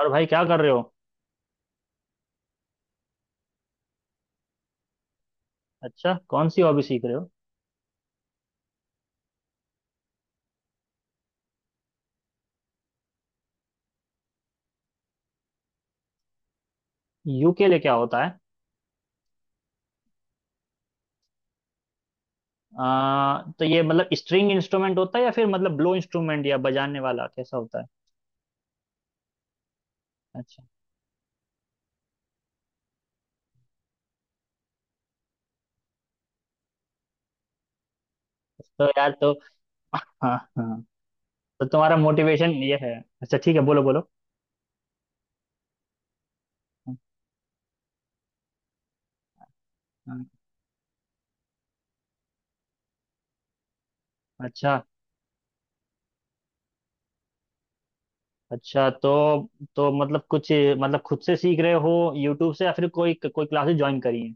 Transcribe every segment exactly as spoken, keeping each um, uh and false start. और भाई क्या कर रहे हो। अच्छा कौन सी हॉबी सीख रहे हो। यूकेले क्या होता है। आ, तो ये मतलब स्ट्रिंग इंस्ट्रूमेंट होता है या फिर मतलब ब्लो इंस्ट्रूमेंट या बजाने वाला कैसा होता है। अच्छा। तो यार तो हाँ हाँ। तो तुम्हारा मोटिवेशन ये है। अच्छा ठीक है, बोलो बोलो। हाँ। हाँ। अच्छा अच्छा। तो तो मतलब कुछ मतलब खुद से सीख रहे हो, यूट्यूब से, या फिर कोई कोई क्लासेस ज्वाइन करी है।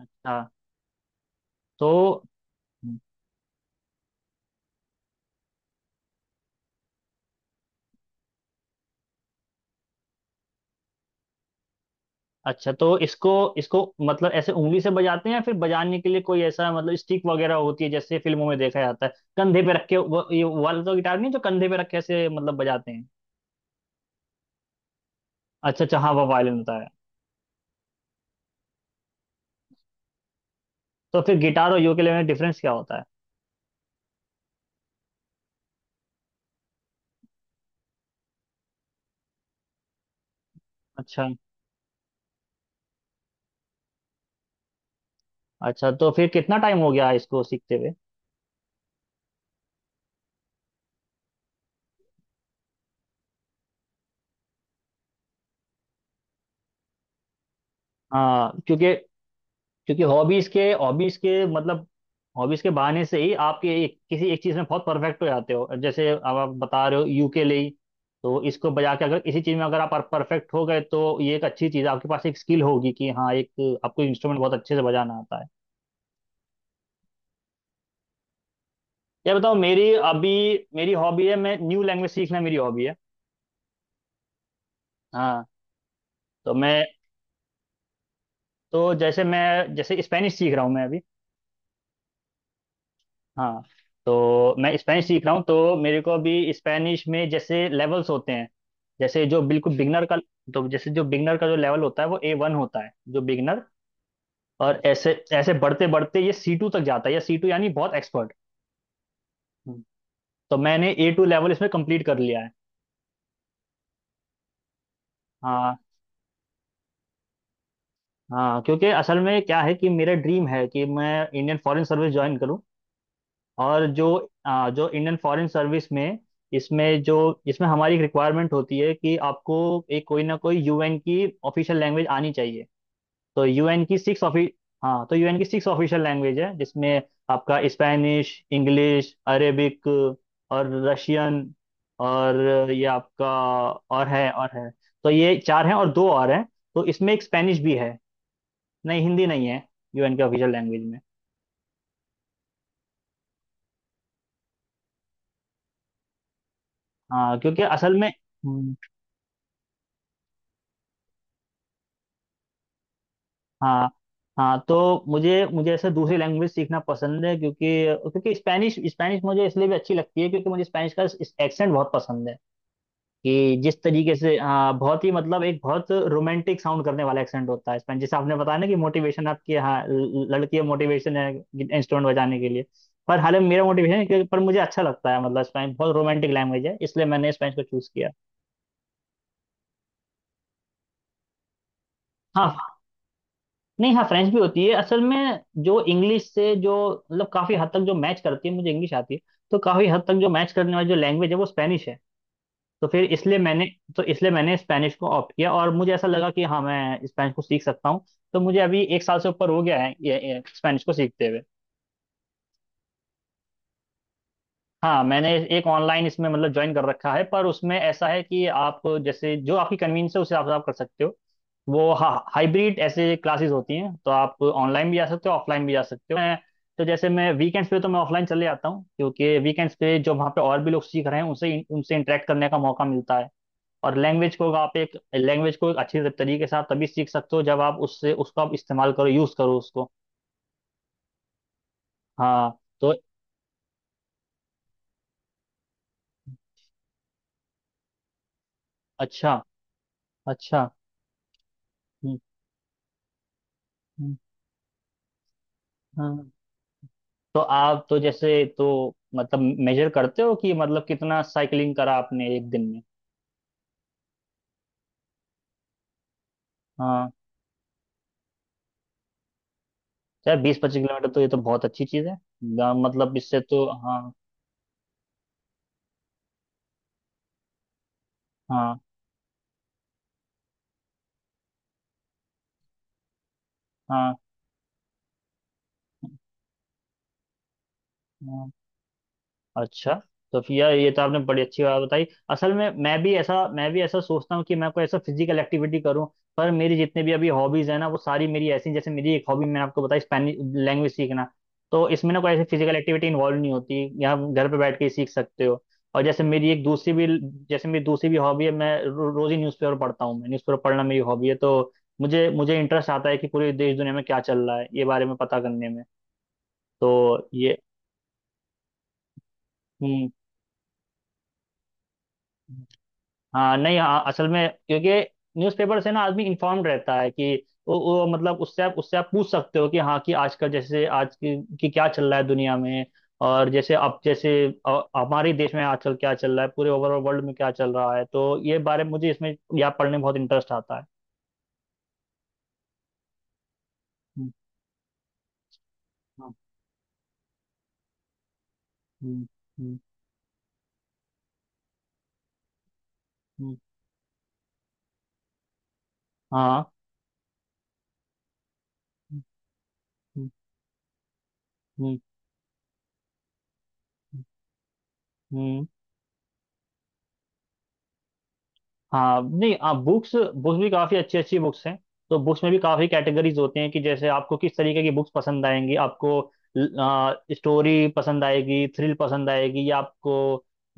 हाँ। तो अच्छा, तो इसको इसको मतलब ऐसे उंगली से बजाते हैं या फिर बजाने के लिए कोई ऐसा मतलब स्टिक वगैरह होती है, जैसे फिल्मों में देखा जाता है कंधे पे रख के, वो ये वो वाला तो गिटार नहीं जो कंधे पे रख के ऐसे मतलब बजाते हैं। अच्छा अच्छा, हाँ वो वायलिन होता है। तो फिर गिटार और यूकेलेले में डिफरेंस क्या होता है। अच्छा। अच्छा तो फिर कितना टाइम हो गया इसको सीखते हुए। हाँ क्योंकि, क्योंकि हॉबीज के हॉबीज के मतलब हॉबीज के बहाने से ही आप ये एक, किसी एक चीज में बहुत परफेक्ट हो जाते हो, जैसे अब आप बता रहे हो यूकेले ही, तो इसको बजा के अगर इसी चीज में अगर आप परफेक्ट हो गए तो ये एक अच्छी चीज है, आपके पास एक स्किल होगी कि हाँ एक आपको इंस्ट्रूमेंट बहुत अच्छे से बजाना आता है। ये बताओ मेरी अभी मेरी हॉबी है, मैं न्यू लैंग्वेज सीखना मेरी हॉबी है। हाँ। तो मैं तो जैसे मैं जैसे स्पेनिश सीख रहा हूँ मैं अभी। हाँ। तो मैं स्पेनिश सीख रहा हूँ, तो मेरे को अभी स्पेनिश में जैसे लेवल्स होते हैं, जैसे जो बिल्कुल बिगनर का, तो जैसे जो बिगनर का जो लेवल होता है वो ए वन होता है जो बिगनर, और ऐसे ऐसे बढ़ते बढ़ते ये सी टू तक जाता है, या सी टू यानी बहुत एक्सपर्ट। तो मैंने ए टू लेवल इसमें कंप्लीट कर लिया है। हाँ। हाँ क्योंकि असल में क्या है कि मेरा ड्रीम है कि मैं इंडियन फॉरेन सर्विस ज्वाइन करूँ, और जो आ, जो इंडियन फॉरेन सर्विस में, इसमें जो इसमें हमारी एक रिक्वायरमेंट होती है कि आपको एक कोई ना कोई यूएन की ऑफिशियल लैंग्वेज आनी चाहिए। तो यूएन की सिक्स ऑफि हाँ, तो यूएन की सिक्स ऑफिशियल लैंग्वेज है जिसमें आपका स्पेनिश, इंग्लिश, अरेबिक और रशियन, और ये आपका, और है और है, तो ये चार हैं और दो और हैं, तो इसमें एक स्पेनिश भी है। नहीं, हिंदी नहीं है यूएन के ऑफिशियल लैंग्वेज में। हाँ क्योंकि असल में हम्म, हाँ। हाँ तो मुझे मुझे ऐसे दूसरी लैंग्वेज सीखना पसंद है, क्योंकि क्योंकि स्पेनिश स्पेनिश मुझे इसलिए भी अच्छी लगती है क्योंकि मुझे स्पेनिश का एक्सेंट बहुत पसंद है, कि जिस तरीके से हाँ, बहुत ही मतलब एक बहुत रोमांटिक साउंड करने वाला एक्सेंट होता है स्पेनिश। जैसे आपने बताया ना कि मोटिवेशन आपकी हाँ ल- लड़की मोटिवेशन है इंस्ट्रूमेंट बजाने के लिए। पर हालांकि मेरा मोटिवेशन है कि- पर मुझे अच्छा लगता है मतलब स्पेनिश बहुत रोमांटिक लैंग्वेज है, इसलिए मैंने स्पेनिश को चूज किया। हाँ नहीं, हाँ फ्रेंच भी होती है, असल में जो इंग्लिश से जो मतलब काफी हद तक जो मैच करती है, मुझे इंग्लिश आती है, तो काफी हद तक जो मैच करने वाली जो लैंग्वेज है वो स्पेनिश है। तो फिर इसलिए मैंने तो इसलिए मैंने स्पेनिश को ऑप्ट किया, और मुझे ऐसा लगा कि हाँ मैं स्पेनिश को सीख सकता हूँ। तो मुझे अभी एक साल से ऊपर हो गया है ये, ये स्पेनिश को सीखते हुए। हाँ मैंने एक ऑनलाइन इसमें मतलब ज्वाइन कर रखा है, पर उसमें ऐसा है कि आप जैसे जो आपकी कन्वीनियंस है उसे आप आप कर सकते हो। वो हाँ, हाइब्रिड ऐसे क्लासेस होती हैं, तो आप ऑनलाइन भी जा सकते हो ऑफलाइन भी जा सकते हो। मैं तो जैसे मैं वीकेंड्स पे तो मैं ऑफलाइन चले जाता हूँ, क्योंकि वीकेंड्स पे जो वहाँ पे और भी लोग सीख रहे हैं उनसे उनसे इंटरेक्ट करने का मौका मिलता है। और लैंग्वेज को आप एक लैंग्वेज को एक अच्छी तरीके से आप तभी सीख सकते हो जब आप उससे उसको आप इस्तेमाल करो, यूज़ करो उसको। हाँ तो अच्छा अच्छा। हम्म, हम्म, हाँ। तो आप तो जैसे तो मतलब मेजर करते हो कि मतलब कितना साइकिलिंग करा आपने एक दिन में। हाँ, चाहे बीस पच्चीस किलोमीटर तो ये तो बहुत अच्छी चीज़ है, गा- मतलब इससे तो हाँ। हाँ। हाँ। हाँ। अच्छा, तो फिर यार ये तो आपने बड़ी अच्छी बात बताई, असल में मैं भी ऐसा मैं भी ऐसा सोचता हूँ कि मैं कोई ऐसा फिजिकल एक्टिविटी करूँ, पर मेरी जितने भी अभी हॉबीज है ना वो सारी मेरी ऐसी हैं, जैसे मेरी एक हॉबी मैंने आपको बताई स्पेनिश लैंग्वेज सीखना, तो इसमें ना कोई ऐसी फिजिकल एक्टिविटी इन्वॉल्व नहीं होती, या आप घर पे बैठ के ही सीख सकते हो। और जैसे मेरी एक दूसरी भी जैसे मेरी दूसरी भी हॉबी है, मैं रो, रोज ही न्यूज़पेपर पढ़ता हूँ, मैं न्यूज़पेपर पढ़ना मेरी हॉबी है। तो मुझे मुझे इंटरेस्ट आता है कि पूरे देश दुनिया में क्या चल रहा है ये बारे में पता करने में। तो ये हम्म हाँ, नहीं हाँ असल में क्योंकि न्यूज़पेपर से ना आदमी इन्फॉर्म्ड रहता है कि वो, वो मतलब उससे आप उससे आप पूछ सकते हो कि हाँ कि आजकल जैसे आज की, की क्या चल रहा है दुनिया में, और जैसे अब जैसे अ- हमारे देश में आजकल क्या चल रहा है, पूरे ओवरऑल वर्ल्ड में क्या चल रहा है, तो ये बारे में मुझे इसमें या पढ़ने में बहुत इंटरेस्ट आता है। हम्म, हाँ। हम्म, हम्म, हम्म, हाँ। हम्म, हम्म, हम्म, हाँ नहीं, आप बुक्स बुक्स भी काफ़ी अच्छी अच्छी बुक्स हैं, तो बुक्स में भी काफ़ी कैटेगरीज होते हैं कि जैसे आपको किस तरीके की बुक्स पसंद आएंगी, आपको स्टोरी पसंद आएगी, थ्रिल पसंद आएगी, या आपको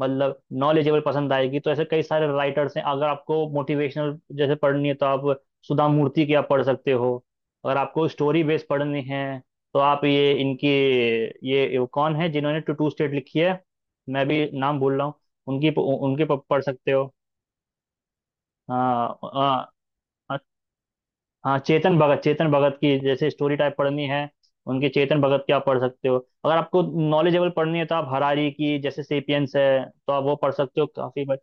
मतलब नॉलेजेबल पसंद आएगी। तो ऐसे कई सारे राइटर्स हैं, अगर आपको मोटिवेशनल जैसे पढ़नी है तो आप सुधा मूर्ति की आप पढ़ सकते हो। अगर आपको स्टोरी बेस्ड पढ़नी है तो आप ये इनकी, ये ये कौन है जिन्होंने टू टू स्टेट लिखी है, मैं भी नाम भूल रहा हूँ, उनकी उनके प- पढ़ सकते हो। हाँ हाँ। अ- हाँ चेतन भगत, चेतन भगत की जैसे स्टोरी टाइप पढ़नी है उनके चेतन भगत की आप पढ़ सकते हो। अगर आपको नॉलेजेबल पढ़नी है तो आप हरारी की जैसे सेपियंस है तो आप वो पढ़ सकते हो काफी, बट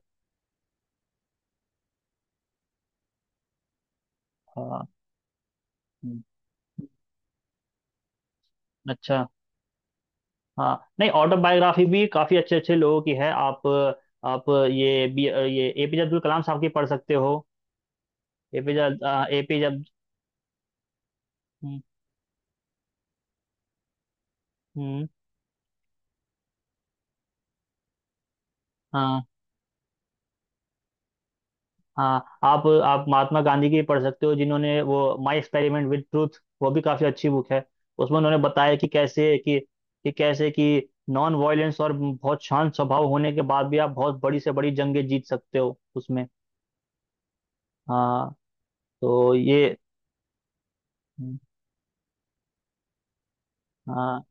हाँ। हम्म, अच्छा। हाँ नहीं, ऑटोबायोग्राफी भी काफी अच्छे अच्छे लोगों की है, आप आप ये बी ये एपीजे अब्दुल कलाम साहब की पढ़ सकते हो। APJ APJ. हम्म हम्म, हाँ। हाँ आप आप महात्मा गांधी की पढ़ सकते हो, जिन्होंने वो माई एक्सपेरिमेंट विद ट्रूथ, वो भी काफी अच्छी बुक है। उसमें उन्होंने बताया कि कैसे कि, कि कैसे कि नॉन वायलेंस और बहुत शांत स्वभाव होने के बाद भी आप बहुत बड़ी से बड़ी जंगें जीत सकते हो उसमें। हाँ तो ये हाँ।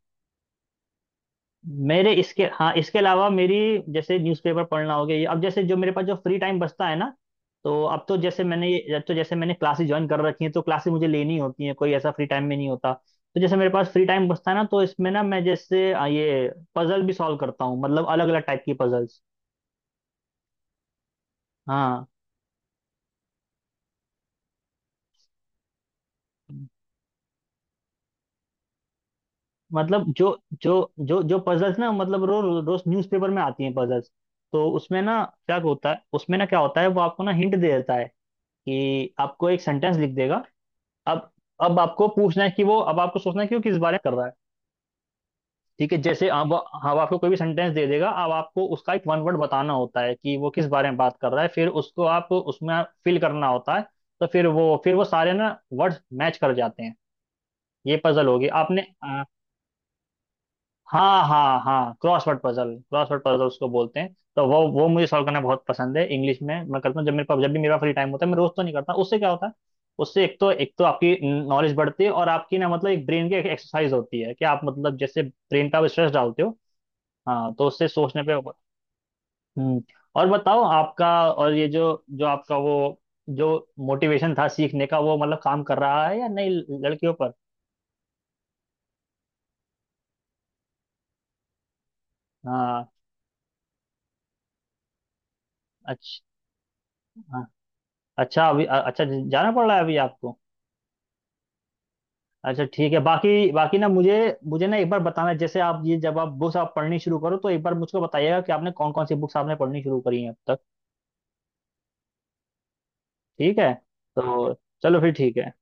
मेरे इसके हाँ इसके अलावा मेरी जैसे न्यूज़पेपर पढ़ना हो गया ये, अब जैसे जो मेरे पास जो फ्री टाइम बचता है ना, तो अब तो जैसे मैंने ये- अब तो जैसे मैंने क्लासेस ज्वाइन कर रखी हैं तो क्लासेस मुझे लेनी होती हैं, कोई ऐसा फ्री टाइम में नहीं होता। तो जैसे मेरे पास फ्री टाइम बचता है ना तो इसमें ना मैं जैसे आ, ये पजल भी सॉल्व करता हूँ, मतलब अलग अलग टाइप की पजल्स। हाँ मतलब जो, जो जो जो पजल्स ना, मतलब रो, रो, रोज न्यूज़पेपर में आती हैं पजल्स, तो उसमें ना क्या होता है, उसमें ना क्या होता है वो आपको ना हिंट दे देता है कि आपको एक सेंटेंस लिख देगा, अब अब आपको पूछना है कि वो अब आपको सोचना है कि वो किस बारे में कर रहा है। ठीक है, जैसे अब अब आपको कोई भी सेंटेंस दे देगा, अब आपको उसका एक वन वर्ड बताना होता है कि वो किस बारे में बात कर रहा है, फिर उसको आप उसमें फिल करना होता है, तो फिर वो फिर वो सारे ना वर्ड्स मैच कर जाते हैं। ये पजल होगी आपने। हाँ हाँ हाँ, क्रॉसवर्ड पजल क्रॉसवर्ड पजल उसको बोलते हैं, तो वो वो मुझे सॉल्व करना बहुत पसंद है, इंग्लिश में मैं करता हूँ, जब मेरे पास जब भी मेरा फ्री टाइम होता है, मैं रोज तो नहीं करता। उससे क्या होता है, उससे एक तो एक तो आपकी नॉलेज बढ़ती है, और आपकी ना मतलब एक ब्रेन की एक एक्सरसाइज होती है कि आप मतलब जैसे ब्रेन पे आप स्ट्रेस डालते हो। हाँ, तो उससे सोचने पे हम्म और बताओ आपका, और ये जो जो आपका वो जो मोटिवेशन था सीखने का वो मतलब काम कर रहा है या नहीं, लड़कियों पर। हाँ। अच्छा। हाँ। अच्छा अभी, अच्छा जाना पड़ रहा है अभी आपको। अच्छा ठीक है, बाकी बाकी ना मुझे मुझे ना एक बार बताना, जैसे आप ये जब आप बुक्स आप पढ़नी शुरू करो तो एक बार मुझको बताइएगा कि आपने कौन कौन सी बुक्स आपने पढ़नी शुरू करी हैं अब तक। ठीक है, तो चलो फिर ठीक है।